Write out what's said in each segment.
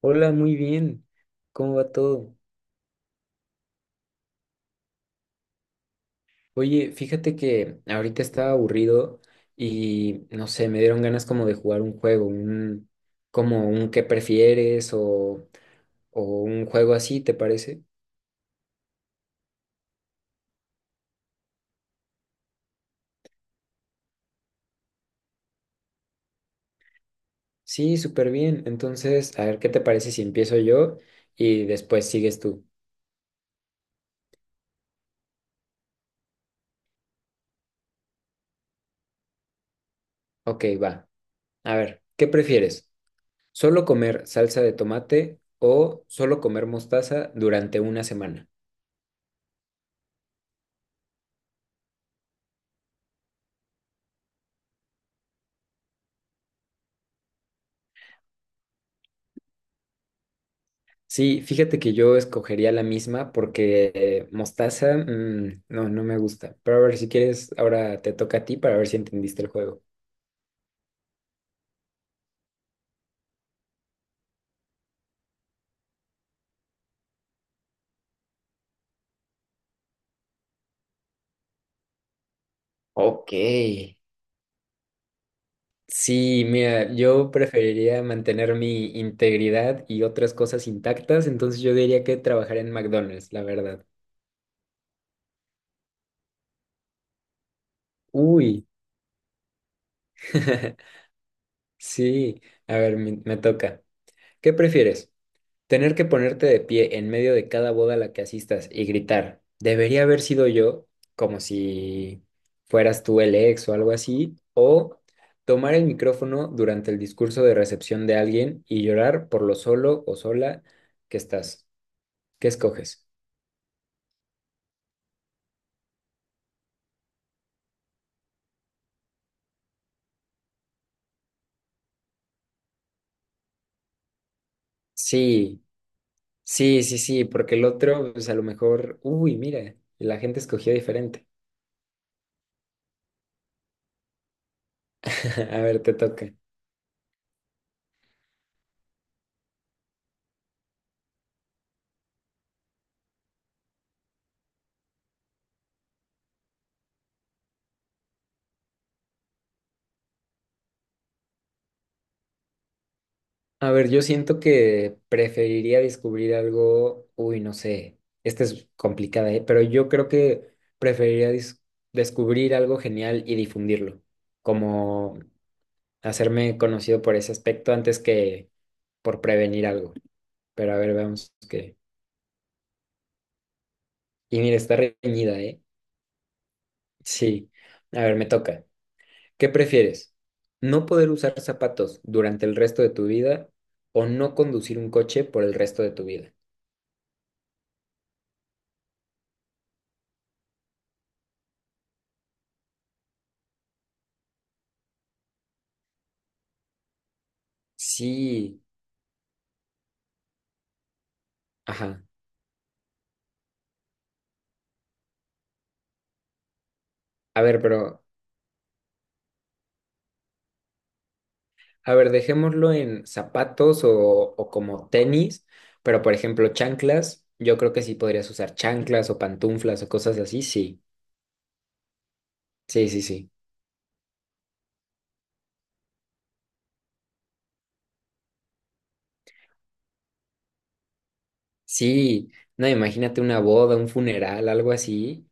Hola, muy bien. ¿Cómo va todo? Oye, fíjate que ahorita estaba aburrido y no sé, me dieron ganas como de jugar un juego, un como un qué prefieres o un juego así, ¿te parece? Sí, súper bien. Entonces, a ver, ¿qué te parece si empiezo yo y después sigues tú? Ok, va. A ver, ¿qué prefieres? ¿Solo comer salsa de tomate o solo comer mostaza durante una semana? Sí, fíjate que yo escogería la misma porque mostaza, no, no me gusta. Pero a ver, si quieres, ahora te toca a ti para ver si entendiste el juego. Ok. Sí, mira, yo preferiría mantener mi integridad y otras cosas intactas, entonces yo diría que trabajar en McDonald's, la verdad. Uy, sí, a ver, me toca. ¿Qué prefieres? ¿Tener que ponerte de pie en medio de cada boda a la que asistas y gritar, debería haber sido yo, como si fueras tú el ex o algo así? ¿O tomar el micrófono durante el discurso de recepción de alguien y llorar por lo solo o sola que estás? ¿Qué escoges? Sí, sí, sí, sí, porque el otro, pues a lo mejor, uy, mira, la gente escogió diferente. A ver, te toca. A ver, yo siento que preferiría descubrir algo, uy, no sé, esta es complicada, ¿eh? Pero yo creo que preferiría descubrir algo genial y difundirlo, como hacerme conocido por ese aspecto antes que por prevenir algo. Pero a ver, veamos qué. Y mira, está reñida, ¿eh? Sí, a ver, me toca. ¿Qué prefieres? ¿No poder usar zapatos durante el resto de tu vida o no conducir un coche por el resto de tu vida? Sí, ajá. A ver, pero, a ver, dejémoslo en zapatos o como tenis, pero por ejemplo, chanclas, yo creo que sí podrías usar chanclas o pantuflas o cosas así, sí, sí, sí, sí. Sí, no, imagínate una boda, un funeral, algo así.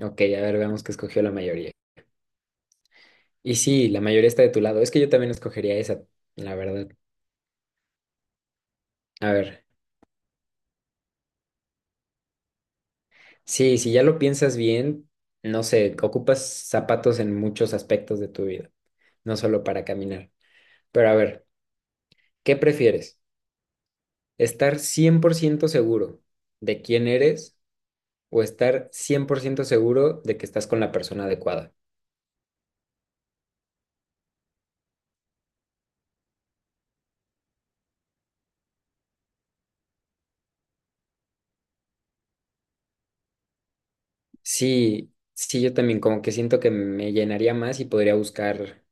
Ok, a ver, veamos qué escogió la mayoría. Y sí, la mayoría está de tu lado. Es que yo también escogería esa, la verdad. A ver, sí, si ya lo piensas bien, no sé, ocupas zapatos en muchos aspectos de tu vida, no solo para caminar. Pero a ver, ¿qué prefieres? ¿Estar 100% seguro de quién eres o estar 100% seguro de que estás con la persona adecuada? Sí, sí, yo también como que siento que me llenaría más y podría buscar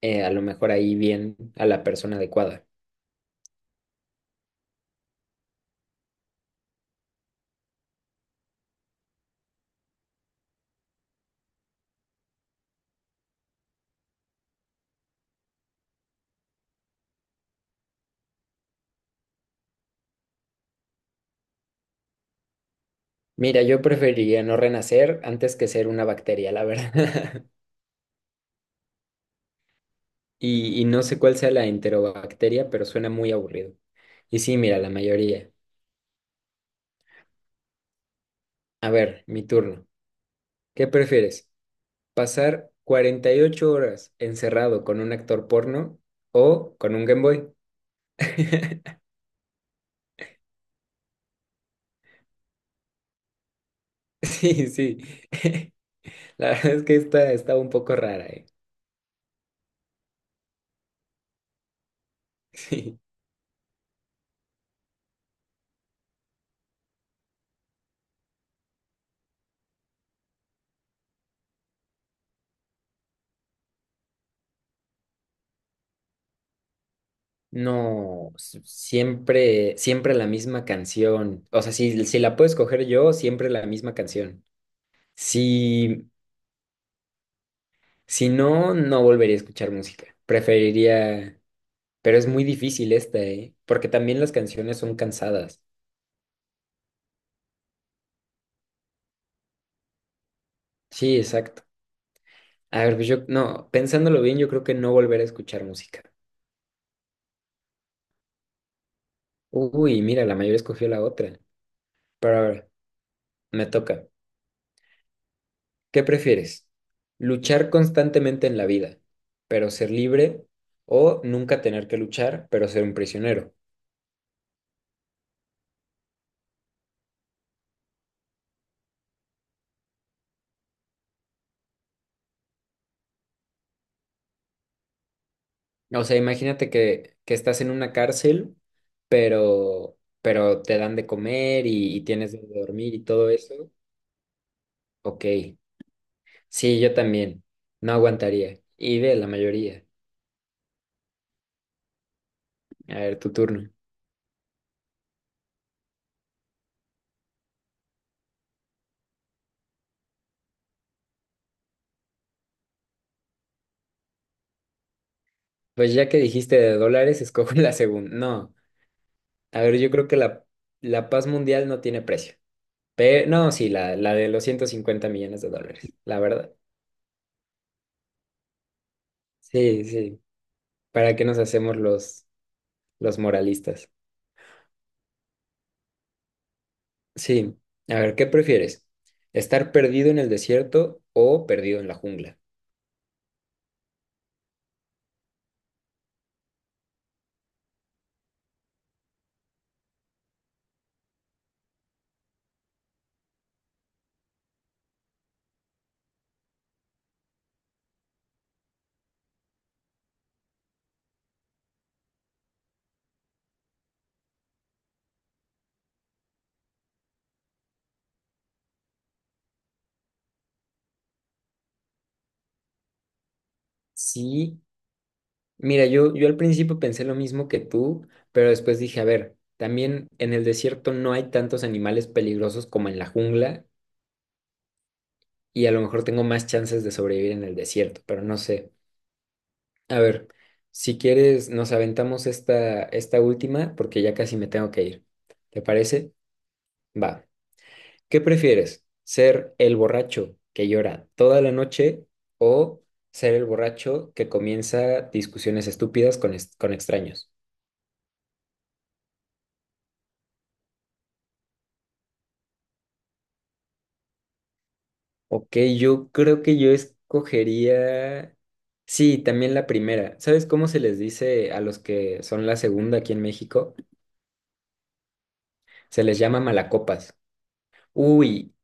a lo mejor ahí bien a la persona adecuada. Mira, yo preferiría no renacer antes que ser una bacteria, la verdad. Y no sé cuál sea la enterobacteria, pero suena muy aburrido. Y sí, mira, la mayoría. A ver, mi turno. ¿Qué prefieres? Pasar 48 horas encerrado con un actor porno o con un Game Boy. Sí, sí. La verdad es que esta está un poco rara, ¿eh? Sí. No, siempre, siempre la misma canción. O sea, si la puedo escoger yo, siempre la misma canción. Si, si no, no volvería a escuchar música. Preferiría, pero es muy difícil esta, ¿eh? Porque también las canciones son cansadas. Sí, exacto. A ver, pues yo, no, pensándolo bien, yo creo que no volver a escuchar música. Uy, mira, la mayoría escogió la otra. Pero a ver, me toca. ¿Qué prefieres? ¿Luchar constantemente en la vida, pero ser libre? ¿O nunca tener que luchar, pero ser un prisionero? O sea, imagínate que estás en una cárcel, pero, pero te dan de comer y tienes de dormir y todo eso. Ok, sí, yo también. No aguantaría. Y ve la mayoría. A ver, tu turno. Pues ya que dijiste de dólares, escojo la segunda. No, a ver, yo creo que la paz mundial no tiene precio. Pero, no, sí, la de los $150 millones, la verdad. Sí, sí. ¿Para qué nos hacemos los moralistas? Sí. A ver, ¿qué prefieres? ¿Estar perdido en el desierto o perdido en la jungla? Sí. Mira, yo al principio pensé lo mismo que tú, pero después dije, a ver, también en el desierto no hay tantos animales peligrosos como en la jungla y a lo mejor tengo más chances de sobrevivir en el desierto, pero no sé. A ver, si quieres, nos aventamos esta, última porque ya casi me tengo que ir. ¿Te parece? Va. ¿Qué prefieres? ¿Ser el borracho que llora toda la noche o ser el borracho que comienza discusiones estúpidas con extraños? Ok, yo creo que yo escogería... Sí, también la primera. ¿Sabes cómo se les dice a los que son la segunda aquí en México? Se les llama malacopas. Uy,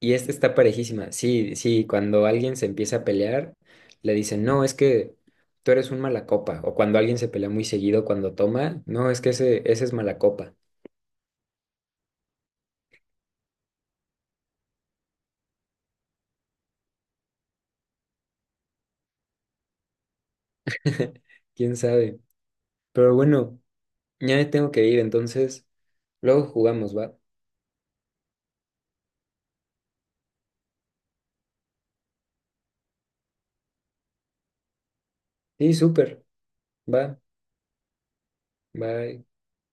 y esta está parejísima. Sí, sí, cuando alguien se empieza a pelear, le dicen, no, es que tú eres un malacopa. O cuando alguien se pelea muy seguido cuando toma, no, es que ese es malacopa. ¿Quién sabe? Pero bueno, ya me tengo que ir, entonces luego jugamos, ¿va? Sí, súper, va, va.